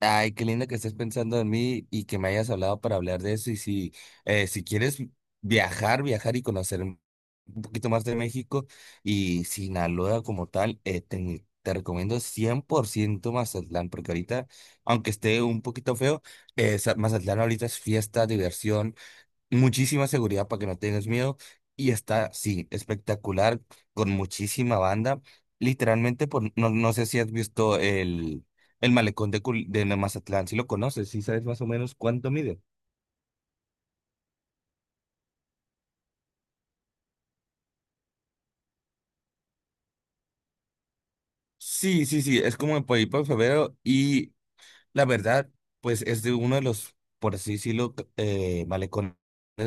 Ay, qué lindo que estés pensando en mí y que me hayas hablado para hablar de eso. Y si quieres viajar, viajar y conocer un poquito más de México y Sinaloa como tal, te recomiendo 100% Mazatlán, porque ahorita, aunque esté un poquito feo, Mazatlán ahorita es fiesta, diversión, muchísima seguridad para que no tengas miedo. Y está, sí, espectacular, con muchísima banda. Literalmente, no, no sé si has visto el malecón de Mazatlán, si lo conoces, si sabes más o menos cuánto mide. Sí, sí, sí, es como en por ahí por febrero. Y la verdad, pues es de uno de los, por así decirlo, malecones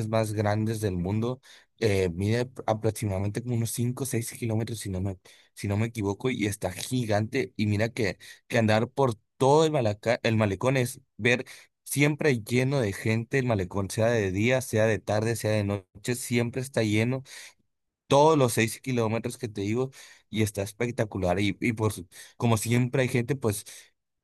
más grandes del mundo. Mide aproximadamente como unos 5 o 6 kilómetros, si no me equivoco, y está gigante. Y mira que andar por todo el malecón es ver siempre lleno de gente. El malecón, sea de día, sea de tarde, sea de noche, siempre está lleno todos los 6 kilómetros que te digo y está espectacular. Y como siempre hay gente, pues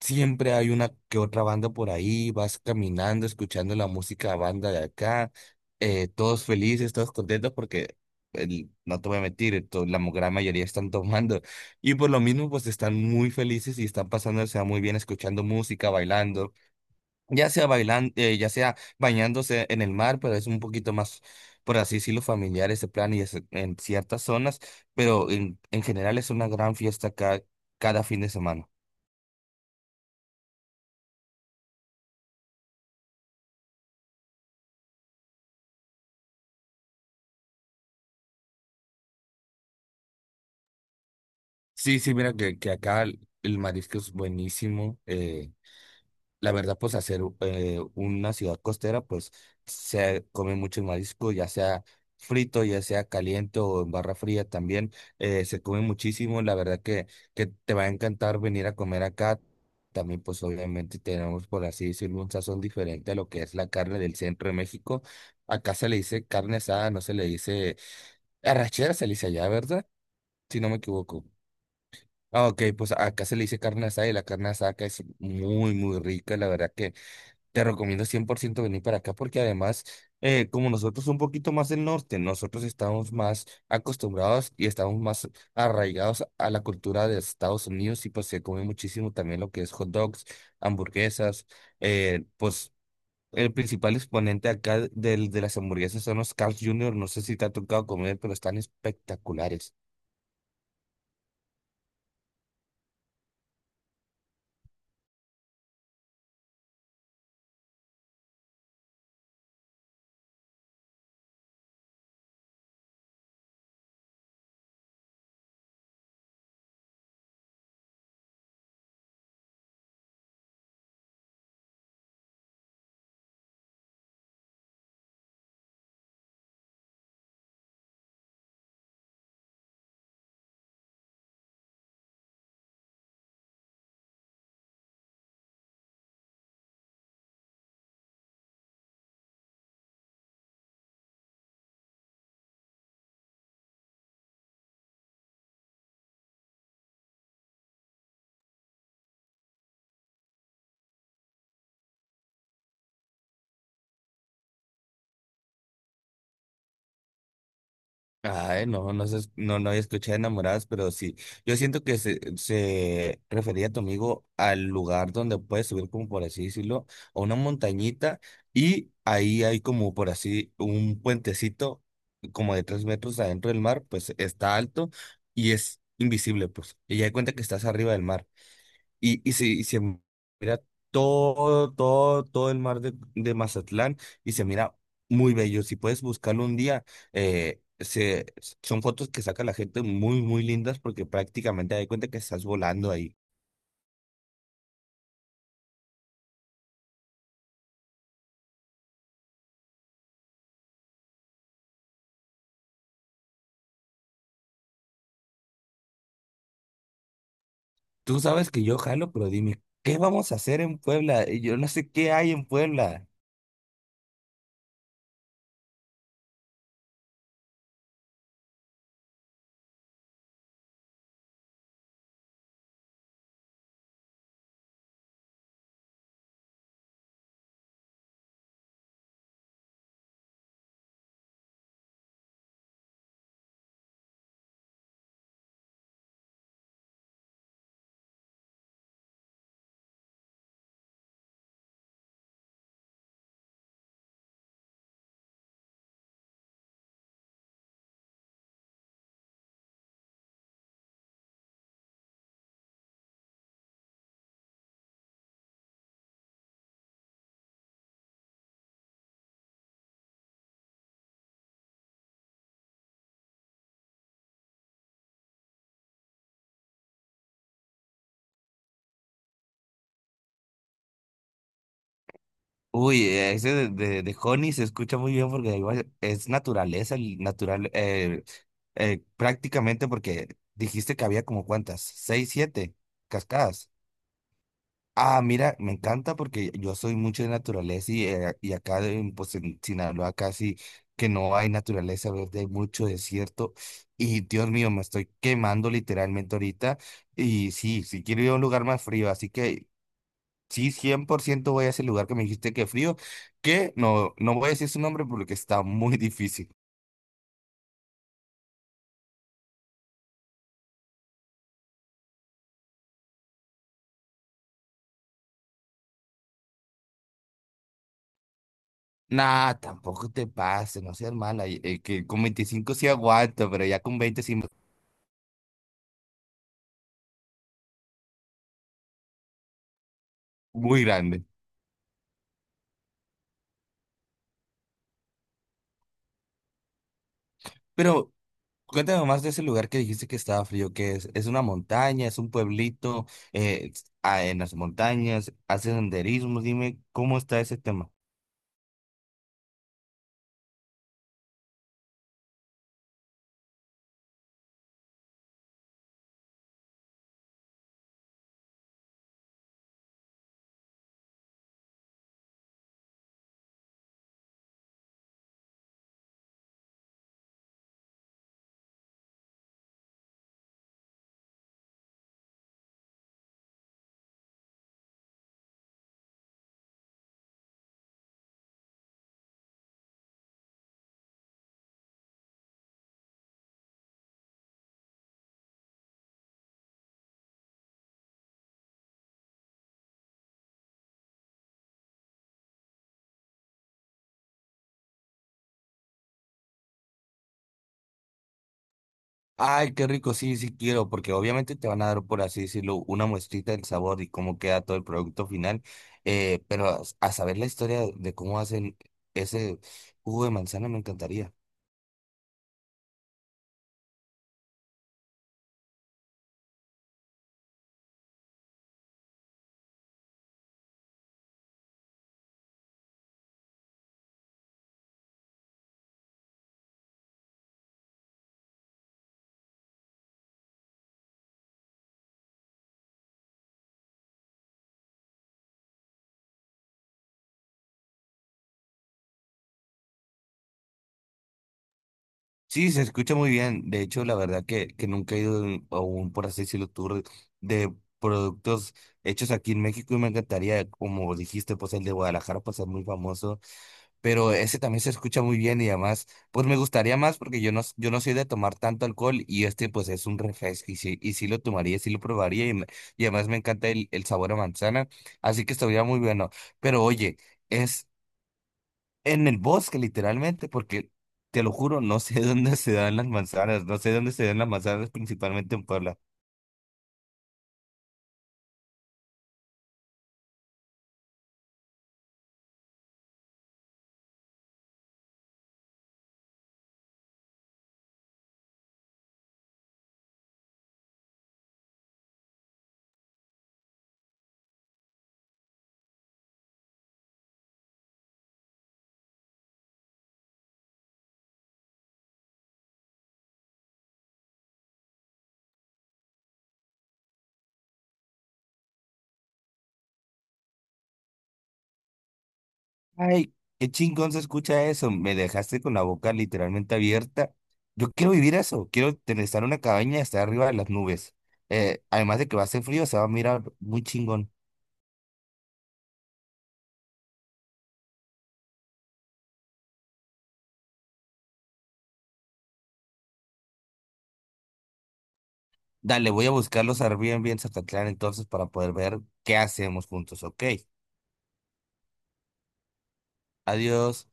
siempre hay una que otra banda por ahí, vas caminando, escuchando la música banda de acá, todos felices, todos contentos porque no te voy a mentir, gran mayoría están tomando y por lo mismo pues están muy felices y están pasándose muy bien escuchando música, bailando. Ya sea bailando, ya sea bañándose en el mar, pero es un poquito más, por así decirlo, familiar ese plan y es en ciertas zonas, pero en general es una gran fiesta cada fin de semana. Sí, sí, mira que acá el marisco es buenísimo. La verdad, pues hacer una ciudad costera, pues se come mucho marisco, ya sea frito, ya sea caliente o en barra fría también, se come muchísimo. La verdad que te va a encantar venir a comer acá. También, pues obviamente tenemos, por así decirlo, un sazón diferente a lo que es la carne del centro de México. Acá se le dice carne asada, no se le dice arrachera, se le dice allá, ¿verdad? Si no me equivoco. Ah, ok, pues acá se le dice carne asada y la carne asada acá es muy, muy rica, la verdad que te recomiendo 100% venir para acá porque además, como nosotros un poquito más del norte, nosotros estamos más acostumbrados y estamos más arraigados a la cultura de Estados Unidos y pues se come muchísimo también lo que es hot dogs, hamburguesas, pues el principal exponente acá de las hamburguesas son los Carl's Jr., no sé si te ha tocado comer, pero están espectaculares. Ay, no, no, se no, no escuché enamoradas, pero sí. Yo siento que se refería a tu amigo al lugar donde puedes subir, como por así decirlo, a una montañita y ahí hay como por así un puentecito como de 3 metros adentro del mar, pues está alto y es invisible, pues. Y ya de cuenta que estás arriba del mar. Y se mira todo, todo, todo el mar de Mazatlán y se mira muy bello. Si puedes buscarlo un día, eh, se, son fotos que saca la gente muy, muy lindas porque prácticamente te das cuenta que estás volando ahí. Tú sabes que yo jalo, pero dime, ¿qué vamos a hacer en Puebla? Y yo no sé qué hay en Puebla. Uy, ese de Honey se escucha muy bien porque igual es naturaleza, el natural, prácticamente porque dijiste que había como cuántas, seis, siete cascadas. Ah, mira, me encanta porque yo soy mucho de naturaleza y acá pues en Sinaloa casi que no hay naturaleza verde, hay mucho desierto y Dios mío, me estoy quemando literalmente ahorita y sí, sí quiero ir a un lugar más frío, así que sí, 100% voy a ese lugar que me dijiste que frío, que no voy a decir su nombre porque está muy difícil. Nah, tampoco te pases, no seas mala, que con 25 sí aguanto, pero ya con 20 sí, muy grande. Pero cuéntame más de ese lugar que dijiste que estaba frío, que es una montaña, es un pueblito, eh, en las montañas, hace senderismo, dime cómo está ese tema. Ay, qué rico, sí, sí quiero, porque obviamente te van a dar, por así decirlo, una muestrita del sabor y cómo queda todo el producto final, pero a saber la historia de cómo hacen ese jugo de manzana me encantaría. Sí, se escucha muy bien, de hecho, la verdad que nunca he ido a un, por así decirlo, tour de productos hechos aquí en México y me encantaría, como dijiste, pues el de Guadalajara, pues es muy famoso. Pero ese también se escucha muy bien y además, pues me gustaría más porque yo no soy de tomar tanto alcohol y este pues es un refresco y sí, lo tomaría, sí lo probaría y además me encanta el sabor a manzana, así que estaría muy bueno. Pero oye, es en el bosque literalmente porque te lo juro, no sé dónde se dan las manzanas, no sé dónde se dan las manzanas principalmente en Puebla. Ay, qué chingón se escucha eso. Me dejaste con la boca literalmente abierta. Yo quiero vivir eso. Quiero estar en una cabaña y estar arriba de las nubes. Además de que va a hacer frío, se va a mirar muy chingón. Dale, voy a buscar los Airbnb en Zacatlán entonces para poder ver qué hacemos juntos. Ok, adiós.